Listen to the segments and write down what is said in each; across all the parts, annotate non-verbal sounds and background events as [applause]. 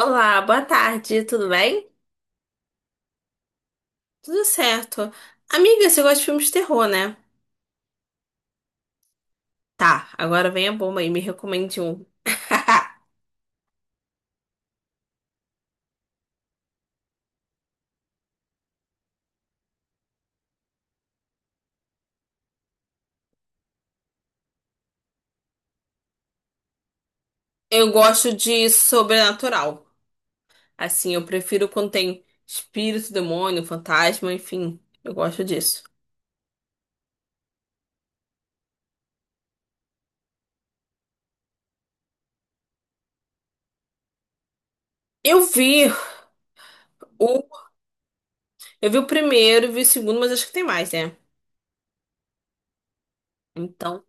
Olá, boa tarde, tudo bem? Tudo certo. Amiga, você gosta de filmes de terror, né? Tá, agora vem a bomba aí, me recomende um. [laughs] Eu gosto de sobrenatural. Assim, eu prefiro quando tem espírito, demônio, fantasma, enfim, eu gosto disso. Eu vi o, eu vi o primeiro, vi o segundo, mas acho que tem mais, né? Então,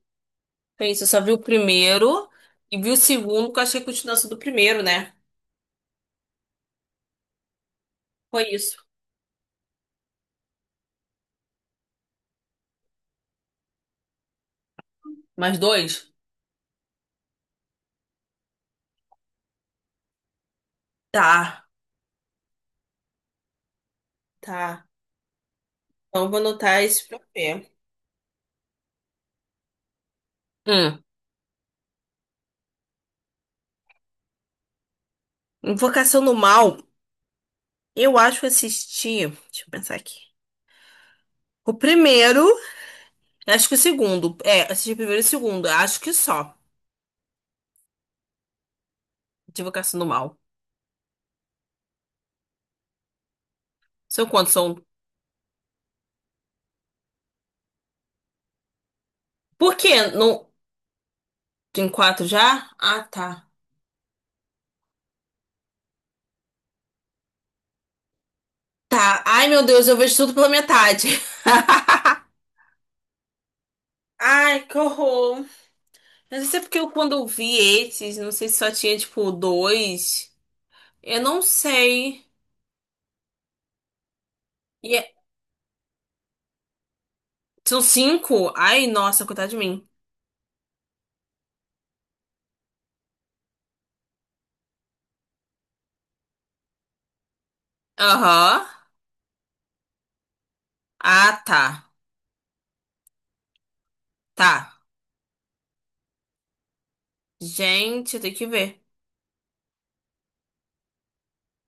foi isso, eu só vi o primeiro e vi o segundo, porque eu achei a continuação do primeiro, né? Foi isso. Mais 2? Tá, tá. Então, vou anotar esse pra ver. Hum, Invocação do Mal, eu acho que assisti. Deixa eu pensar aqui. O primeiro, acho que o segundo. É, assisti o primeiro e o segundo. Acho que só. De Invocação do Mal. São quantos? São. Por quê? Não... Tem 4 já? Ah, tá. Tá. Ai, meu Deus, eu vejo tudo pela metade. [laughs] Ai, que horror. Mas isso é porque eu, quando eu vi esses, não sei se só tinha, tipo, 2. Eu não sei. E é- São 5? Ai, nossa, coitado de mim. Aham. Ah, tá. Tá. Gente, tem que ver.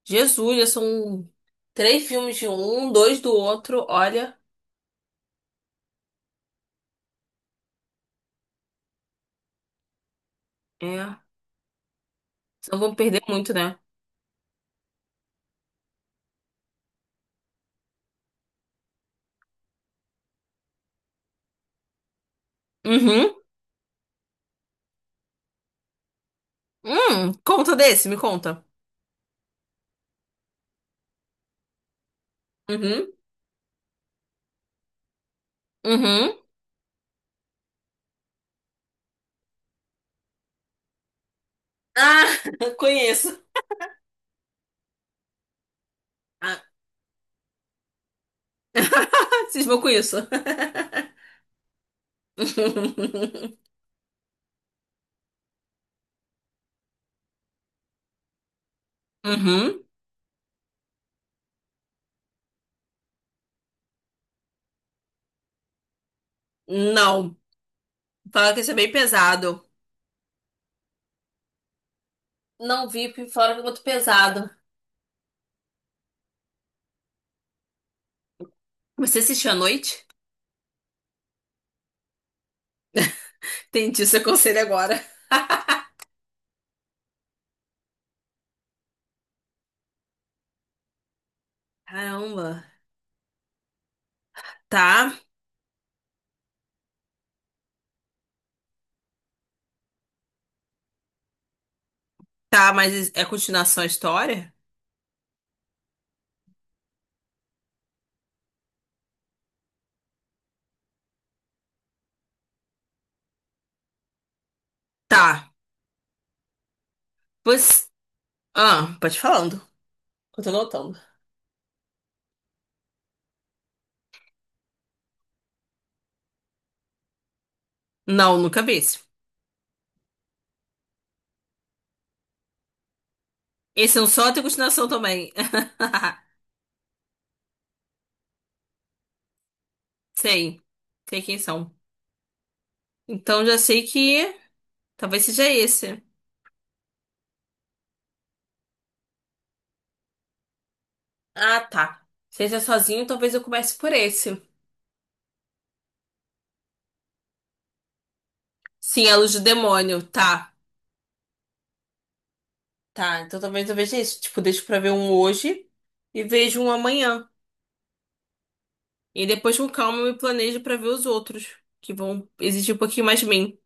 Jesus, já são 3 filmes de um, 2 do outro. Olha, é. Não vão perder muito, né? Uhum. Conta desse, me conta. Uhum. Uhum. Ah, [laughs] conheço. Ah. [laughs] Cismou com isso. Uhum. Não. Fala que isso é bem pesado. Não vi, porque falaram que é muito pesado. Você assistiu à noite? Entendi seu conselho agora. Caramba. Tá, tá, mas é continuação a história? Tá, pois. Ah, pode falando. Eu tô notando. Não, nunca vi esse. Esse é um só, tem continuação também? [laughs] Sei. Sei quem são. Então já sei que talvez seja esse. Ah, tá. Se esse é sozinho, talvez eu comece por esse. Sim, é a luz do demônio. Tá. Tá, então talvez eu veja esse. Tipo, deixo pra ver um hoje e vejo um amanhã. E depois com calma eu me planejo pra ver os outros, que vão exigir um pouquinho mais de mim.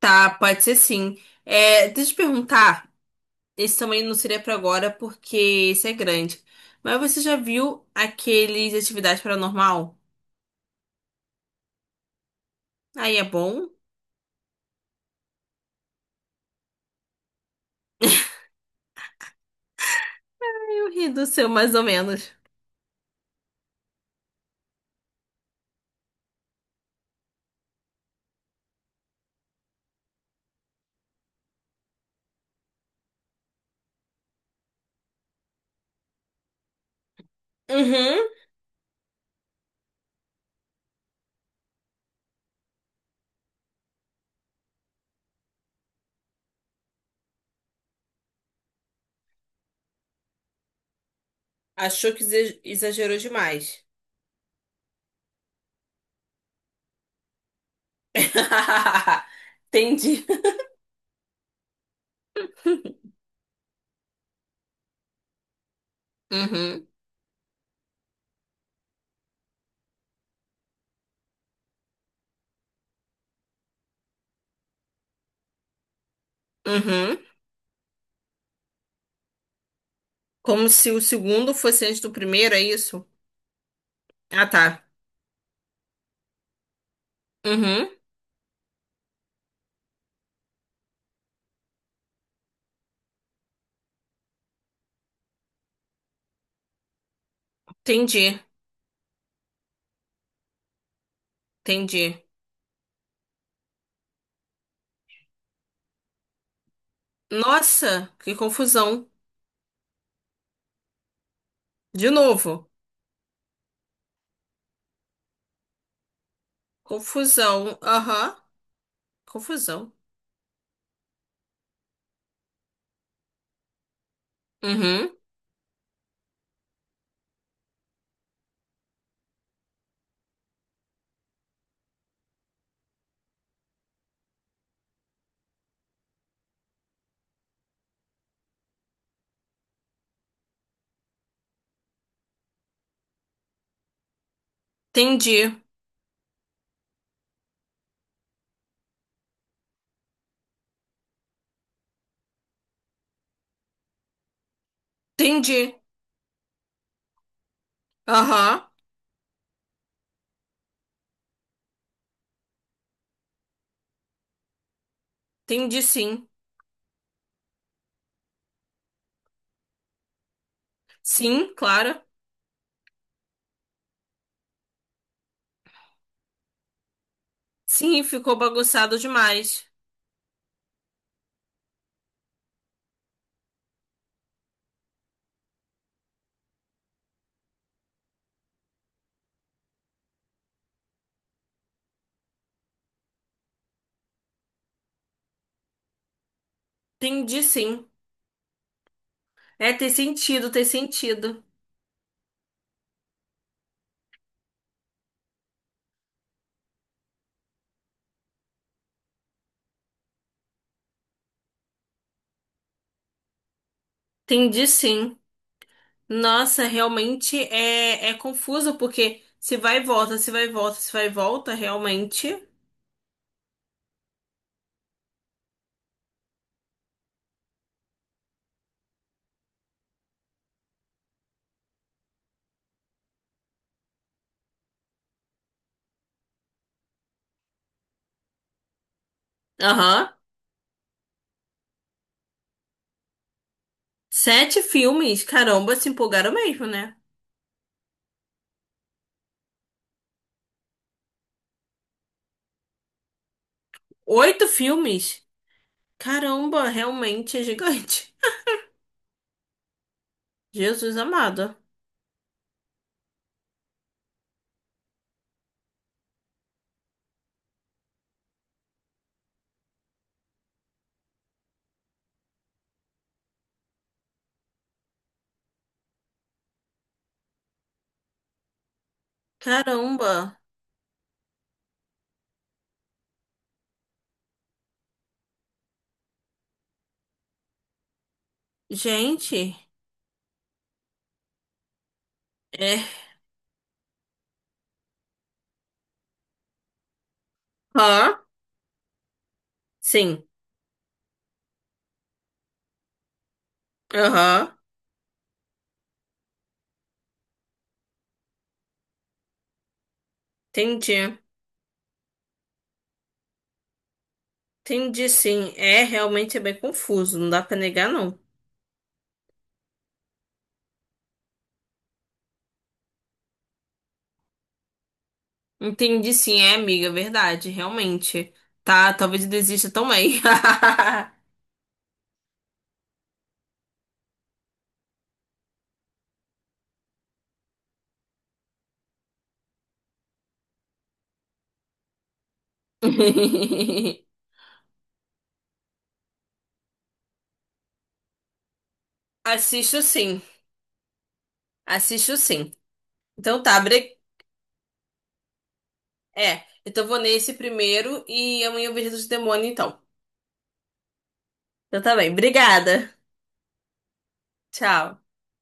Tá, pode ser sim. É, deixa eu te perguntar. Esse também não seria pra agora, porque esse é grande. Mas você já viu aqueles Atividade Paranormal? Aí é bom. Aí eu ri do seu, mais ou menos. Uhum. Achou que exagerou demais. [laughs] Entendi. Uhum, uhum. Como se o segundo fosse antes do primeiro, é isso? Ah, tá. Uhum, entendi, entendi. Nossa, que confusão. De novo. Confusão, aham, confusão. Uhum, entendi. Entendi. Aham. Entendi sim. Sim, claro. Sim, ficou bagunçado demais. Entendi sim. É, tem sentido, tem sentido. Entendi sim. Nossa, realmente é, é confuso, porque se vai e volta, se vai e volta, se vai e volta, realmente. Aham. 7 filmes. Caramba, se empolgaram mesmo, né? 8 filmes. Caramba, realmente é gigante. [laughs] Jesus amado. Caramba. Gente. É. Hã? Sim. Aham. Entendi. Entendi, sim. É realmente é bem confuso, não dá pra negar, não. Entendi, sim, é, amiga, verdade, realmente. Tá, talvez eu desista também. [laughs] Assisto sim, assisto sim. Então tá, bre... é, então vou nesse primeiro e amanhã eu vejo os demônios então. Então tá bem, obrigada. Tchau.